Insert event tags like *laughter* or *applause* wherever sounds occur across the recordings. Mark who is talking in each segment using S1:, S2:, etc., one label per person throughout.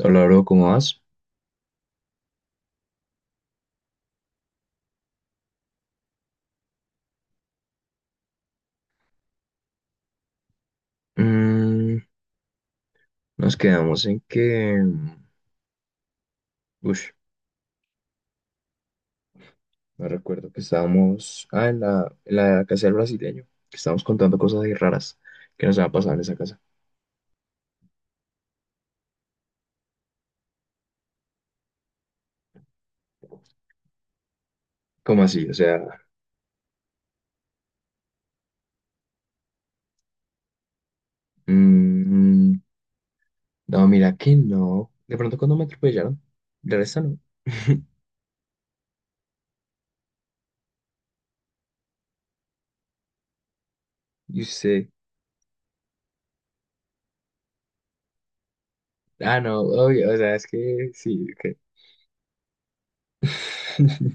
S1: Hola, bro, ¿cómo vas? Mm, Nos quedamos en que... Ush, me recuerdo que estábamos... Ah, en la casa del brasileño. Que estábamos contando cosas ahí raras que nos han pasado en esa casa. ¿Cómo así? O sea... mm, no, mira que no. De pronto cuando me atropellaron. De resto no. *laughs* Y usted... Ah, no, obvio. O sea, es que sí, que... *laughs*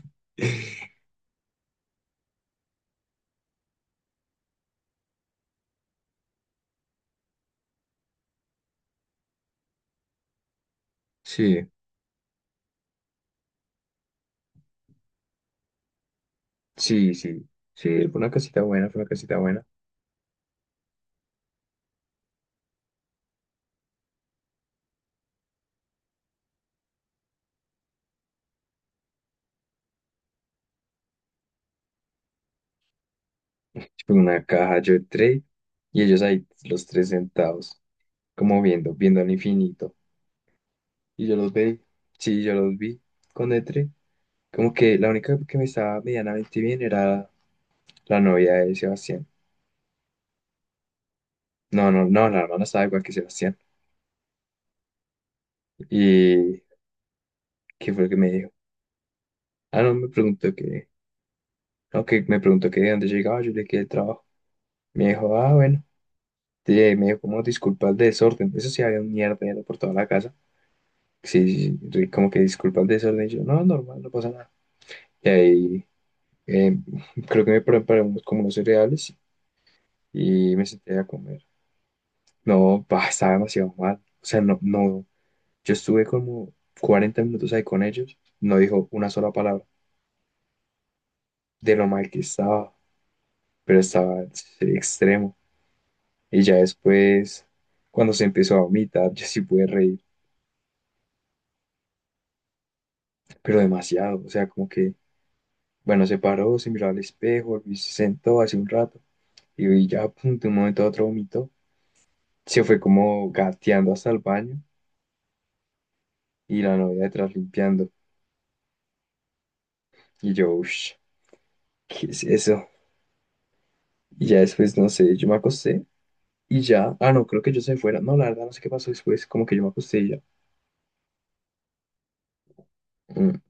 S1: Sí, sí, sí. Sí, fue una casita buena, fue una casita buena. Tipo, en una caja yo trade y ellos ahí los tres sentados, como viendo, viendo al infinito. Y yo los vi, sí, yo los vi con Etre. Como que la única que me estaba medianamente bien era la novia de Sebastián. No, no, no, la hermana estaba igual que Sebastián. ¿Y qué fue lo que me dijo? Ah, no, me preguntó que, no, que me preguntó que de dónde llegaba, yo le quedé el trabajo. Me dijo, ah, bueno. Sí, me dijo, como disculpa el desorden. Eso sí, había un mierdero por toda la casa. Sí, sí, sí, como que disculpa el desorden. Y yo, no, normal, no pasa nada. Y ahí eh, creo que me preparamos como unos cereales y me senté a comer. No, pa, estaba demasiado mal. O sea, no, no. Yo estuve como 40 minutos ahí con ellos. No dijo una sola palabra de lo mal que estaba, pero estaba sí, extremo. Y ya después, cuando se empezó a vomitar, yo sí pude reír, pero demasiado. O sea, como que, bueno, se paró, se miró al espejo y se sentó hace un rato. Y ya, pum, de un momento a otro vomitó. Se fue como gateando hasta el baño y la novia detrás limpiando. Y yo, uff, ¿qué es eso? Y ya después, no sé, yo me acosté y ya, ah, no, creo que yo se fuera. No, la verdad, no sé qué pasó después, como que yo me acosté y ya. "Mm,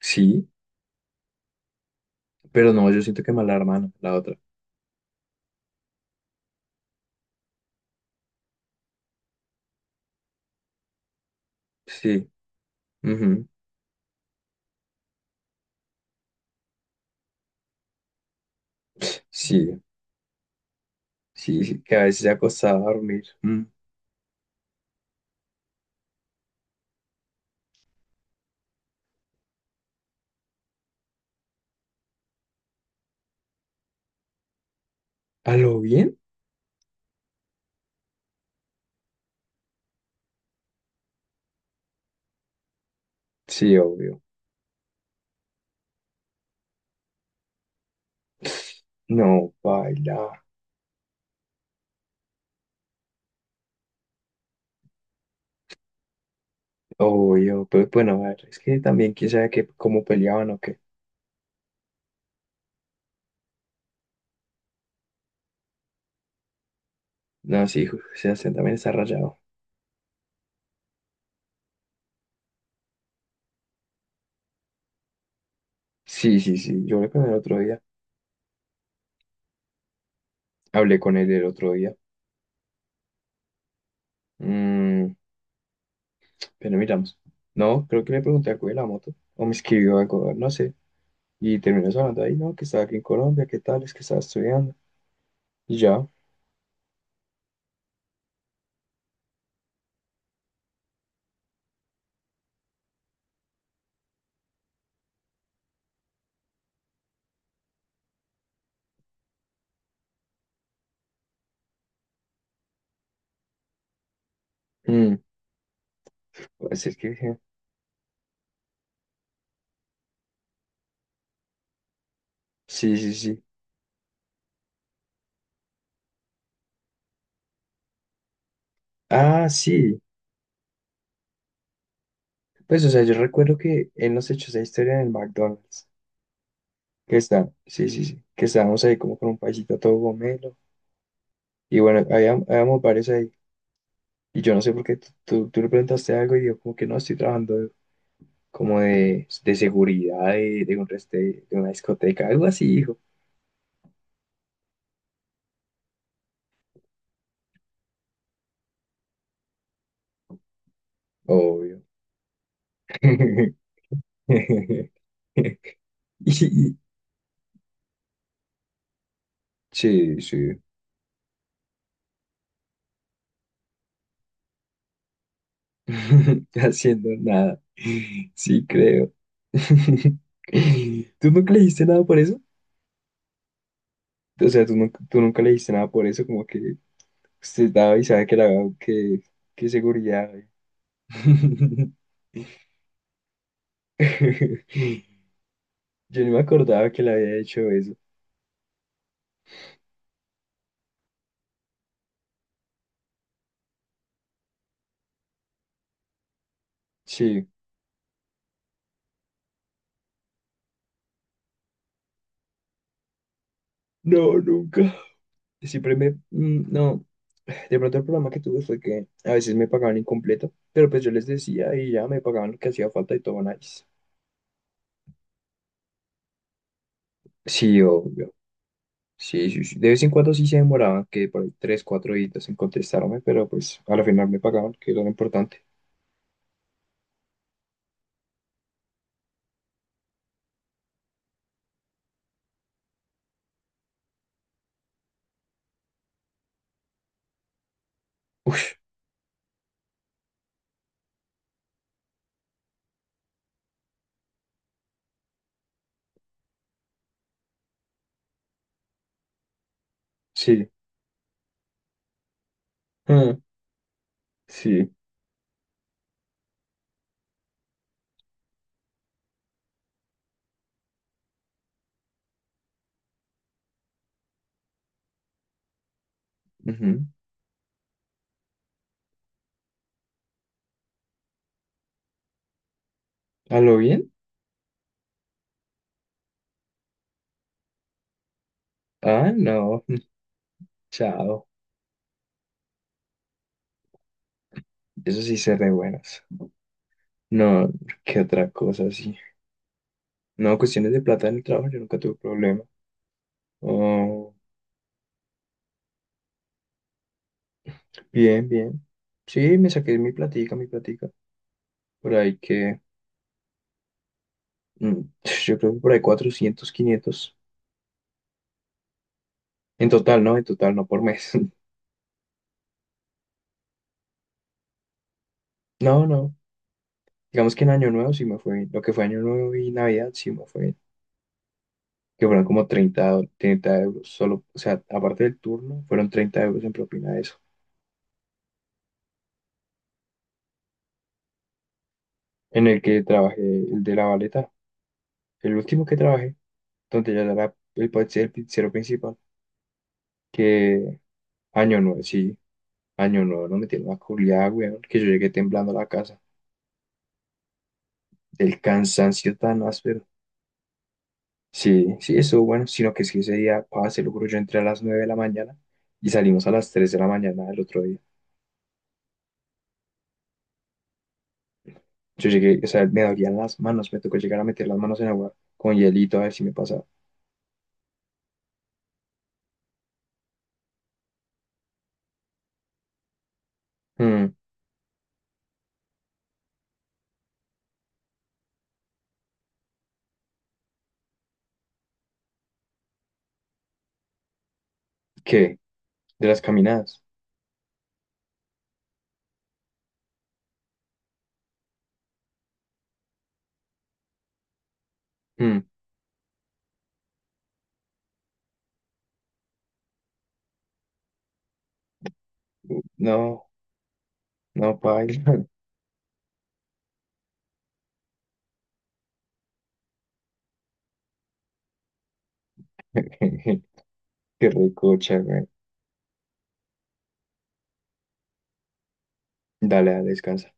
S1: sí, pero no, yo siento que mala hermana, la otra. Sí, ujú. Sí, sí, sí, que a veces se acostaba a dormir. "Mm, ¿a lo bien? Sí, obvio. No, baila, obvio, pero bueno, a ver, es que también quién sabe que, cómo peleaban o qué. No, sí, Sebastián también está rayado. Sí, sí, sí, yo hablé con el otro día. Hablé con él el otro día. Mm, pero miramos. No, creo que le pregunté algo de la moto. O me escribió algo, no sé. Y terminó hablando ahí, ¿no? Que estaba aquí en Colombia, ¿qué tal? Es que estaba estudiando. Y ya. Mm, pues es que dije, sí, sí, sí. Ah, sí. Pues, o sea, yo recuerdo que él nos echó esa historia en el McDonald's. Que está, sí, sí, sí. Que estábamos ahí como con un paisito todo gomelo. Y bueno, habíamos varios ahí. Y yo no sé por qué tú le preguntaste algo y yo como que no estoy trabajando como de seguridad de una discoteca, algo así, hijo. Obvio. *laughs* Y- Sí, sí. *laughs* Haciendo nada. Sí, creo. *laughs* ¿Tú nunca le dijiste nada por eso? O sea, tú nunca le dijiste nada por eso? Como que usted daba y sabe que la que, que seguridad, hay. *laughs* Yo ni me acordaba que le había hecho eso. Sí. No, nunca. Siempre me, no, de pronto el problema que tuve fue que a veces me pagaban incompleto, pero pues yo les decía y ya me pagaban lo que hacía falta y todo nice. Sí, obvio. Sí, sí, sí. De vez en cuando sí se demoraban, que por ahí 3, 4 días en contestarme, pero pues al final me pagaban, que era lo importante. Sí. Ah, sí. Ujú. ¿A lo bien? Ah, no. *laughs* Chao. Eso sí se re buenas. No, qué otra cosa, sí. No, cuestiones de plata en el trabajo, yo nunca tuve problema. Oh. Bien, bien. Sí, me saqué mi platica, mi platica. Por ahí que, mm, *laughs* *sniffs* yo creo que por ahí 400, 500. En total, ¿no? En total, no por mes. *laughs* No, no. Digamos que en Año Nuevo sí me fue bien. Lo que fue Año Nuevo y Navidad sí me fue bien. Que fueron como 30 euros solo. O sea, aparte del turno, fueron 30 euros en propina de eso. En el que trabajé, el de la baleta. El último que trabajé, donde ya era el, el pizzero principal. Que Año Nuevo, sí. Año nuevo nos metieron una culiada, weón, que yo llegué temblando a la casa del cansancio tan áspero. Sí, sí, estuvo bueno, sino que es que ese día, pa, se lo juro, yo entré a las 9 de la mañana y salimos a las 3 de la mañana del otro día. Yo llegué, o sea, me dolían las manos, me tocó llegar a meter las manos en agua con hielito a ver si me pasaba. Mm, ¿Qué? ¿De las caminadas? Mm, no, no, pa. *laughs* Qué recocha, güey. Dale, dale, descansa.